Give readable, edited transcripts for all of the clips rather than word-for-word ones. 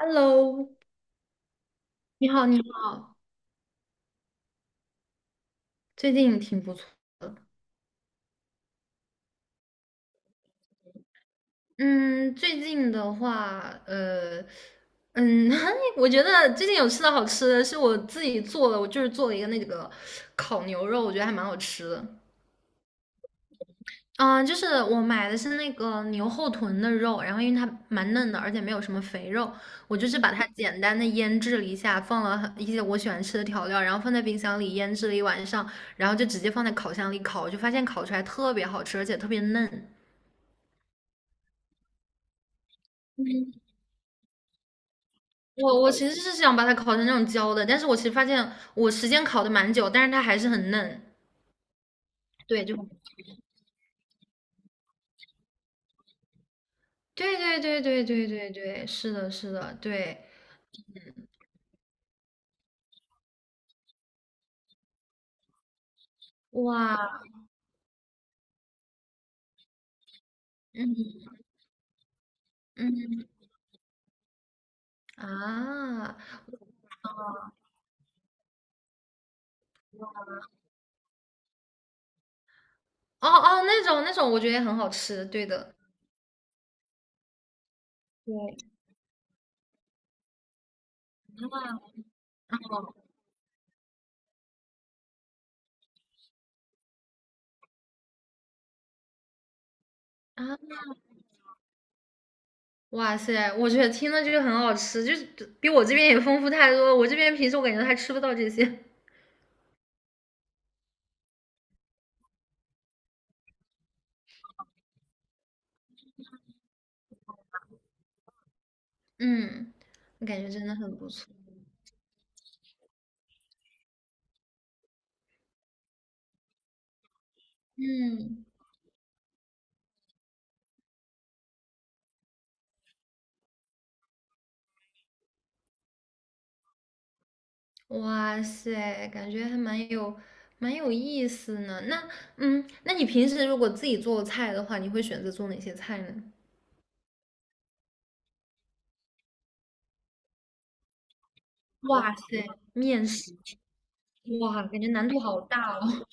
Hello，你好，你好，最近挺不错的。嗯，最近的话，嗯，我觉得最近有吃的好吃的，是我自己做的，我就是做了一个那个烤牛肉，我觉得还蛮好吃的。嗯，就是我买的是那个牛后臀的肉，然后因为它蛮嫩的，而且没有什么肥肉，我就是把它简单的腌制了一下，放了很一些我喜欢吃的调料，然后放在冰箱里腌制了一晚上，然后就直接放在烤箱里烤，就发现烤出来特别好吃，而且特别嫩。我其实是想把它烤成那种焦的，但是我其实发现我时间烤的蛮久，但是它还是很嫩。对，就对对对对对对对，是的，是的，对，哇，嗯嗯啊，哦哦，那种我觉得也很好吃，对的，对啊，哇塞，我觉得听了就是很好吃，就是比我这边也丰富太多了我这边平时我感觉还吃不到这些，嗯，我感觉真的很不错，嗯。哇塞，感觉还蛮有意思呢。那嗯，那你平时如果自己做菜的话，你会选择做哪些菜呢？哇塞，面食，哇，感觉难度好大哦。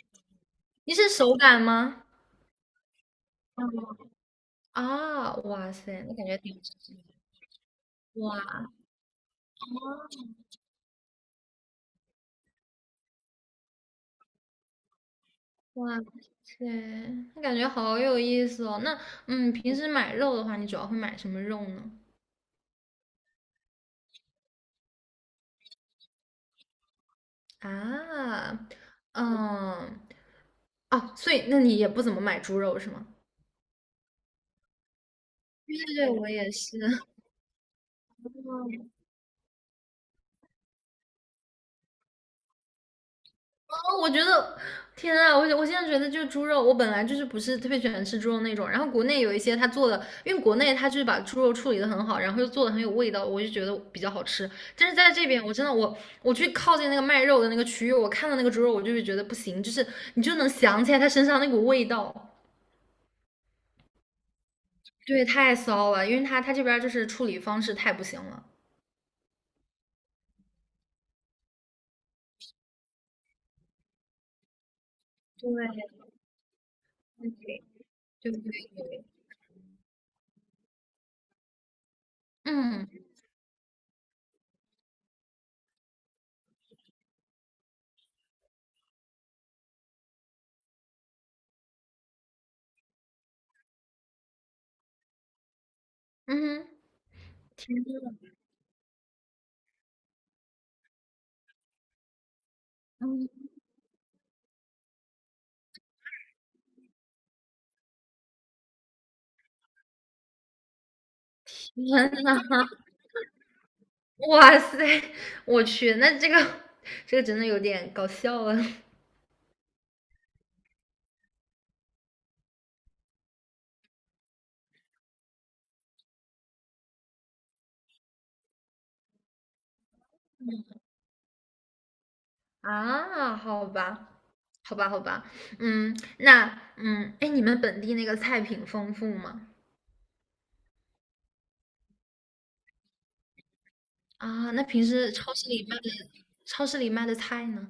你是手擀吗？啊，哇塞，那感觉挺吃力的哇哇塞，那感觉好有意思哦。那平时买肉的话，你主要会买什么肉呢？啊，嗯，哦，所以那你也不怎么买猪肉是吗？对对对，我也是。哦，我觉得，天啊，我现在觉得就是猪肉，我本来就是不是特别喜欢吃猪肉那种，然后国内有一些他做的，因为国内他就是把猪肉处理的很好，然后又做的很有味道，我就觉得比较好吃。但是在这边，我真的我去靠近那个卖肉的那个区域，我看到那个猪肉，我就会觉得不行，就是你就能想起来它身上那股味道，对，太骚了，因为他这边就是处理方式太不行了。对对对对对，嗯嗯哼，天，嗯天 哇塞，我去，那这个真的有点搞笑了啊！好吧，好吧，好吧，嗯，那哎，你们本地那个菜品丰富吗？啊，那平时超市里卖的菜呢？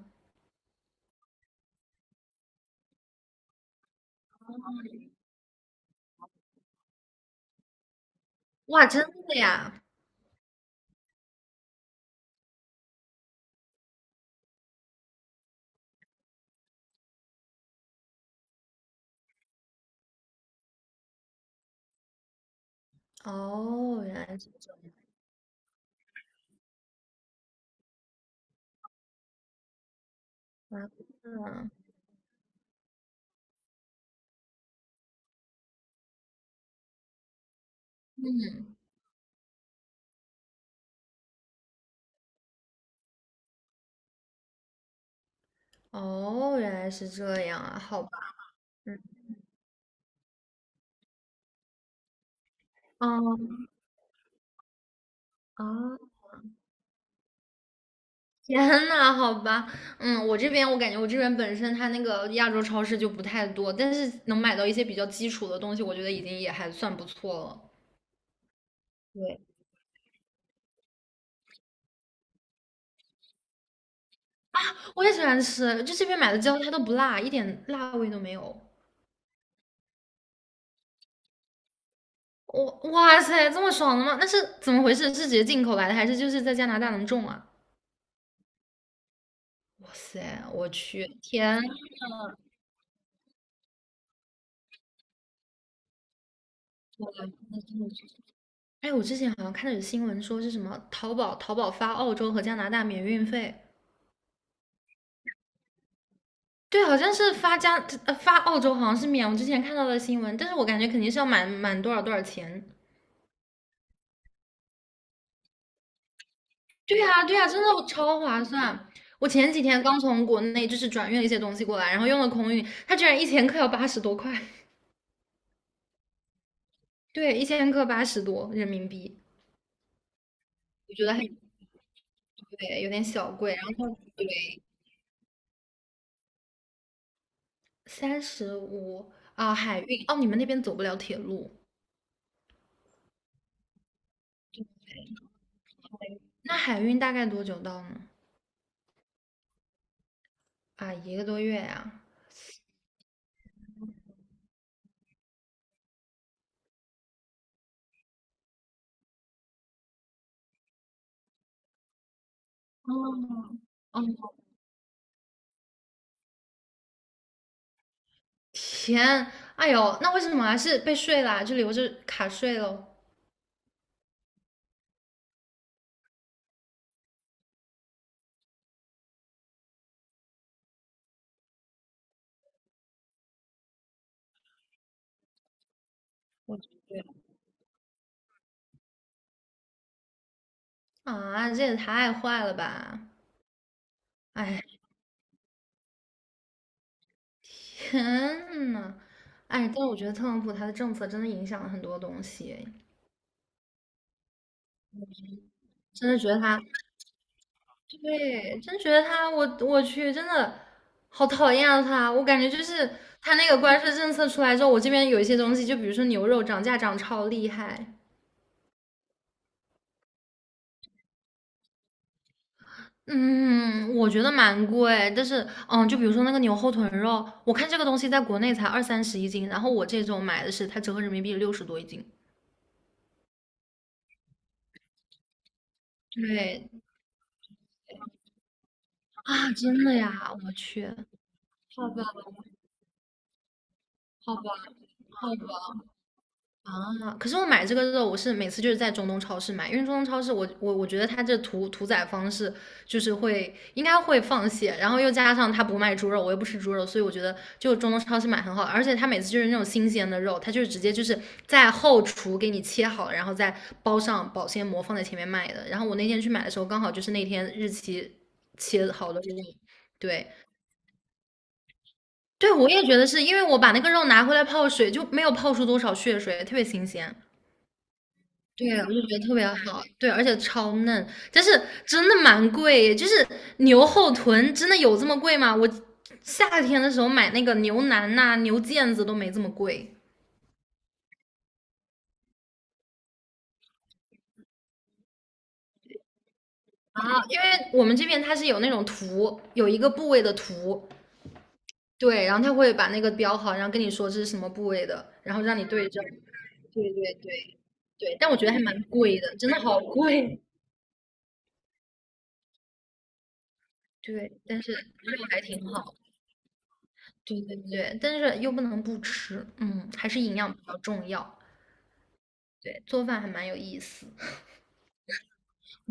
哇，真的呀！哦，原来是这样啊！哦，原来是这样啊！好吧，嗯，嗯哦，啊，天呐，好吧，嗯，我这边我感觉我这边本身它那个亚洲超市就不太多，但是能买到一些比较基础的东西，我觉得已经也还算不错了。对，我也喜欢吃，就这边买的椒它都不辣，一点辣味都没有。我哇塞，这么爽的吗？那是怎么回事？是直接进口来的，还是就是在加拿大能种啊？哇塞，我去，天！哎，我之前好像看到有新闻说是什么淘宝发澳洲和加拿大免运费。对，好像是发加发澳洲，好像是免。我之前看到的新闻，但是我感觉肯定是要满多少多少钱。对呀，对呀，真的超划算。我前几天刚从国内就是转运了一些东西过来，然后用了空运，它居然一千克要80多块，对，一千克80多人民币，我觉得还对有点小贵。然后对35啊，海运哦，你们那边走不了铁路，那海运大概多久到呢？啊，一个多月呀、哦，哦，天，哎呦，那为什么还是被税啦？就留着卡税喽？啊，这也太坏了吧！哎，天呐，哎，但是我觉得特朗普他的政策真的影响了很多东西，哎真的觉得他，对，真觉得他，我我去，真的好讨厌啊他！我感觉就是他那个关税政策出来之后，我这边有一些东西，就比如说牛肉涨价涨超厉害。嗯，我觉得蛮贵，但是，嗯，就比如说那个牛后腿肉，我看这个东西在国内才二三十一斤，然后我这种买的是它折合人民币60多一斤。对啊，真的呀，我去，好吧，好吧，好吧，啊，可是我买这个肉，我是每次就是在中东超市买，因为中东超市我觉得它这屠宰方式就是会应该会放血，然后又加上它不卖猪肉，我又不吃猪肉，所以我觉得就中东超市买很好，而且它每次就是那种新鲜的肉，它就是直接就是在后厨给你切好，然后再包上保鲜膜放在前面卖的。然后我那天去买的时候，刚好就是那天日期切好的肉，对对，我也觉得是因为我把那个肉拿回来泡水，就没有泡出多少血水，特别新鲜。对，我就觉得特别好，对，而且超嫩，但是真的蛮贵，就是牛后臀真的有这么贵吗？我夏天的时候买那个牛腩呐、牛腱子都没这么贵啊，因为我们这边它是有那种图，有一个部位的图，对，然后它会把那个标好，然后跟你说这是什么部位的，然后让你对症。对对对对，但我觉得还蛮贵的，真的好贵。对，但是肉还挺好。对对对，但是又不能不吃，嗯，还是营养比较重要。对，做饭还蛮有意思。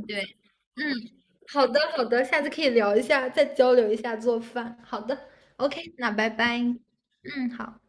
对，嗯，好的好的，下次可以聊一下，再交流一下做饭。好的，OK，那拜拜。嗯，好。